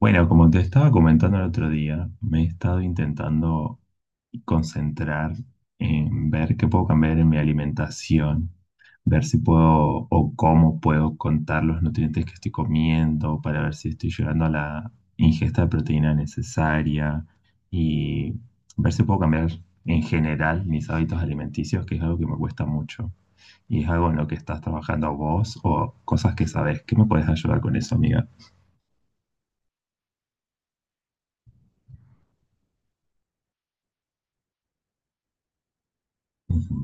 Bueno, como te estaba comentando el otro día, me he estado intentando concentrar en ver qué puedo cambiar en mi alimentación, ver si puedo o cómo puedo contar los nutrientes que estoy comiendo para ver si estoy llegando a la ingesta de proteína necesaria y ver si puedo cambiar en general mis hábitos alimenticios, que es algo que me cuesta mucho. Y es algo en lo que estás trabajando vos o cosas que sabes. ¿Qué me puedes ayudar con eso, amiga? Ujú.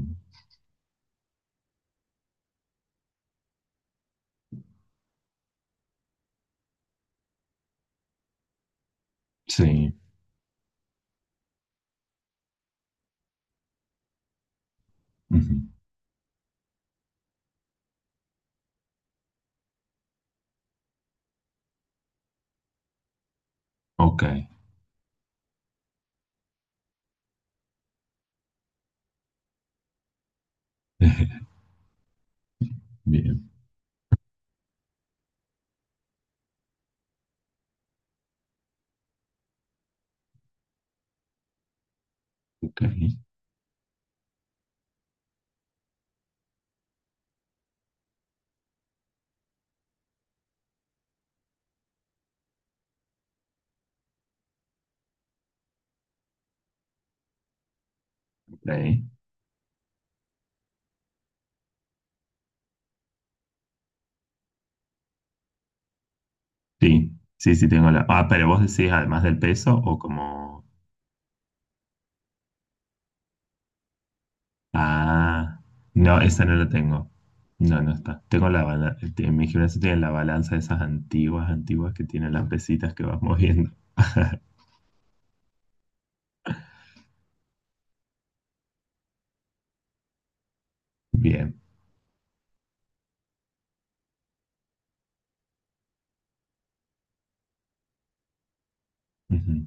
Sí. Ujú. Ok. Bien, ok. Ok. Sí, sí, sí tengo la. Ah, pero vos decís, ¿además del peso o como... Ah, no, esa no la tengo. No, no está. Tengo la balanza. En mi gimnasio tiene la balanza de esas antiguas, antiguas que tienen las pesitas que vas moviendo. Bien. Ujú.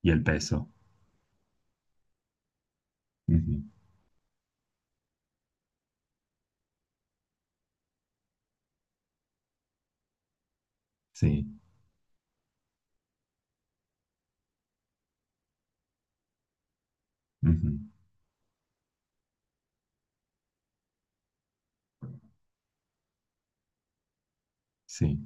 Y el peso. Ujú. Sí. Ujú. Sí.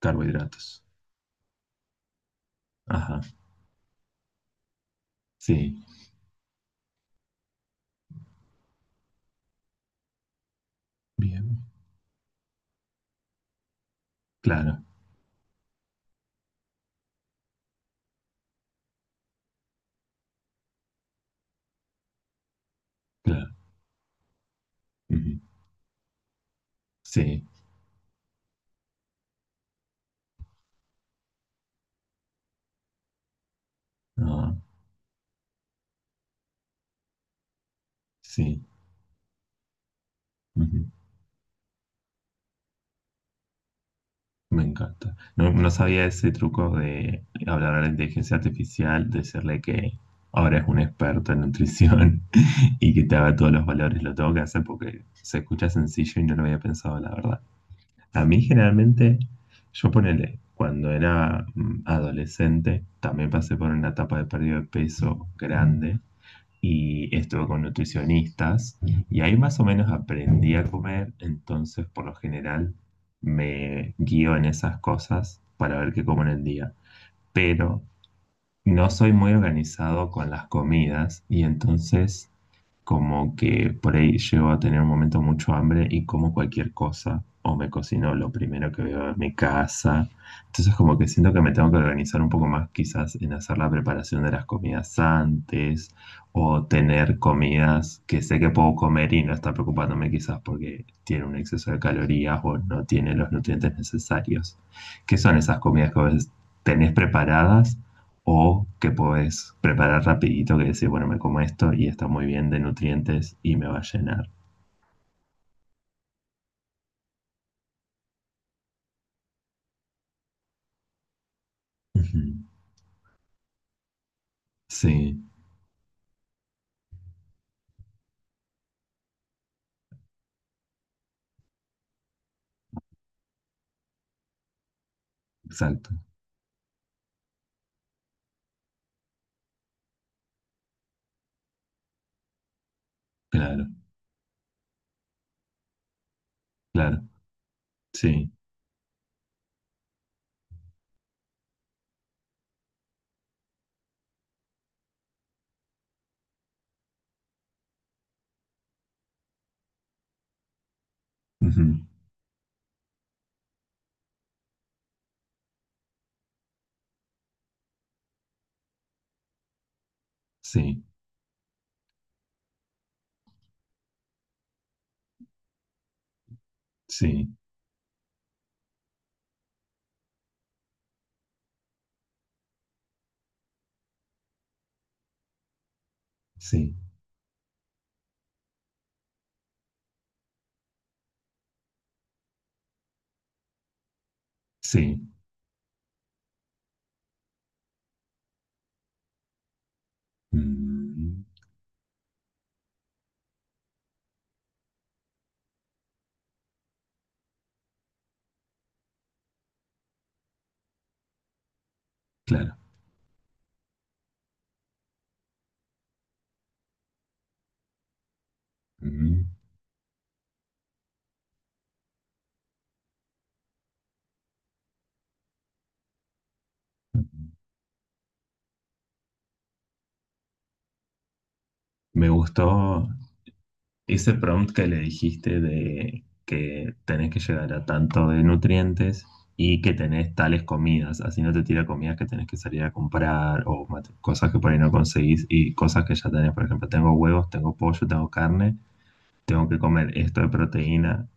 Carbohidratos. Ajá. Sí. Bien. Claro. Claro. Ujú. Sí. Ah, sí. Ujú. Me encanta. No, no sabía ese truco de hablar a la inteligencia artificial, decirle que ahora es un experto en nutrición y que te haga todos los valores. Lo tengo que hacer porque se escucha sencillo y no lo había pensado, la verdad. A mí generalmente, yo ponele, cuando era adolescente, también pasé por una etapa de pérdida de peso grande y estuve con nutricionistas y ahí más o menos aprendí a comer, entonces por lo general me guío en esas cosas para ver qué como en el día. Pero no soy muy organizado con las comidas y entonces como que por ahí llego a tener un momento mucho hambre y como cualquier cosa o me cocino lo primero que veo en mi casa. Entonces como que siento que me tengo que organizar un poco más quizás en hacer la preparación de las comidas antes o tener comidas que sé que puedo comer y no estar preocupándome quizás porque tiene un exceso de calorías o no tiene los nutrientes necesarios. ¿Qué son esas comidas que a veces tenés preparadas? O que podés preparar rapidito que decís, bueno, me como esto y está muy bien de nutrientes y me va a llenar. Ujú. Sí, exacto. Claro, claro. Sí. Ujú. Sí, sí, sí, sí. Mm, claro. Mm. Me gustó ese prompt que le dijiste de que tenés que llegar a tanto de nutrientes y que tenés tales comidas, así no te tira comidas que tenés que salir a comprar o cosas que por ahí no conseguís y cosas que ya tenés, por ejemplo, tengo huevos, tengo pollo, tengo carne, tengo que comer esto de proteína,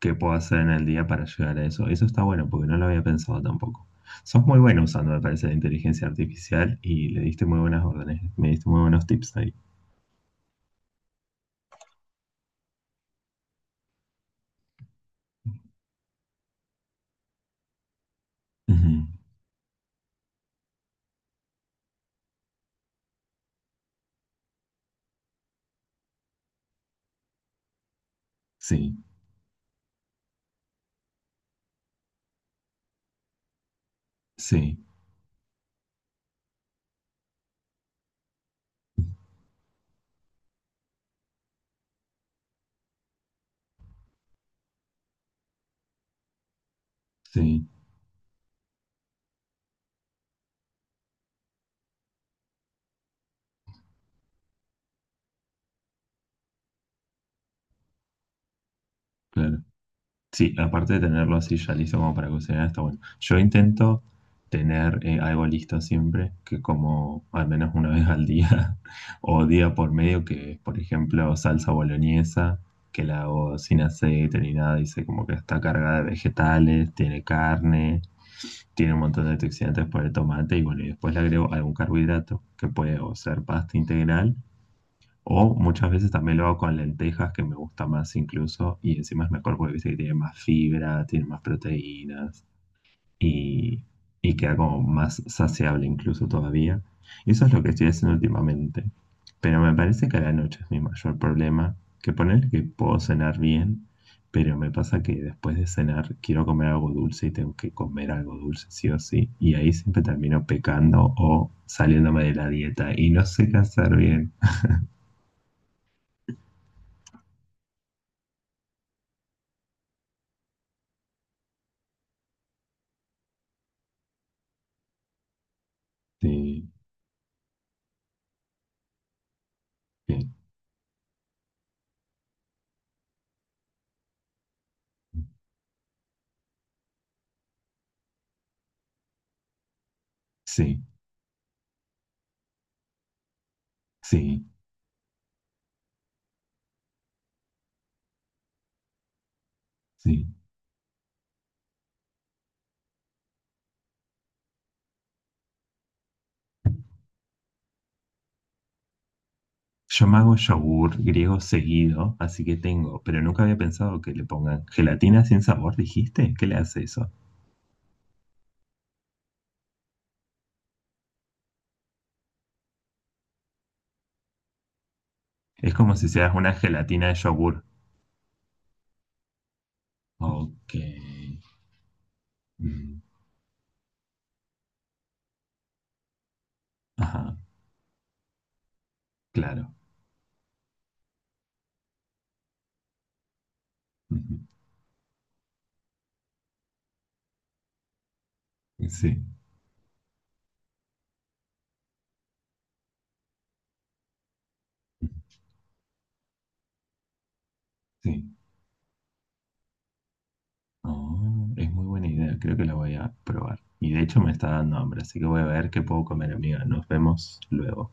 ¿qué puedo hacer en el día para llegar a eso? Eso está bueno porque no lo había pensado tampoco. Sos muy bueno usando, me parece, la inteligencia artificial y le diste muy buenas órdenes, me diste muy buenos tips ahí. Ujú. Sí, sí, sí. Claro. Sí, aparte de tenerlo así ya listo como para cocinar, está bueno. Yo intento tener algo listo siempre, que como al menos una vez al día o día por medio, que es, por ejemplo, salsa boloñesa, que la hago sin aceite ni nada, dice como que está cargada de vegetales, tiene carne, tiene un montón de antioxidantes por el tomate y bueno, y después le agrego algún carbohidrato, que puede o ser pasta integral o muchas veces también lo hago con lentejas, que me gusta más incluso, y encima es mejor porque viste que tiene más fibra, tiene más proteínas y, y queda como más saciable incluso todavía. Y eso es lo que estoy haciendo últimamente. Pero me parece que a la noche es mi mayor problema, que poner que puedo cenar bien, pero me pasa que después de cenar quiero comer algo dulce y tengo que comer algo dulce sí o sí, y ahí siempre termino pecando o saliéndome de la dieta y no sé qué hacer bien. Sí. Sí, sí, sí. Yo me hago yogur griego seguido, así que tengo, pero nunca había pensado que le pongan gelatina sin sabor, ¿dijiste? ¿Qué le hace eso? Es como si seas una gelatina de yogur. Ok. Mm, ajá, claro. Ujú. Sí, sí. Oh, es muy buena idea, creo que la voy a probar. Y de hecho me está dando hambre, así que voy a ver qué puedo comer, amiga. Nos vemos luego.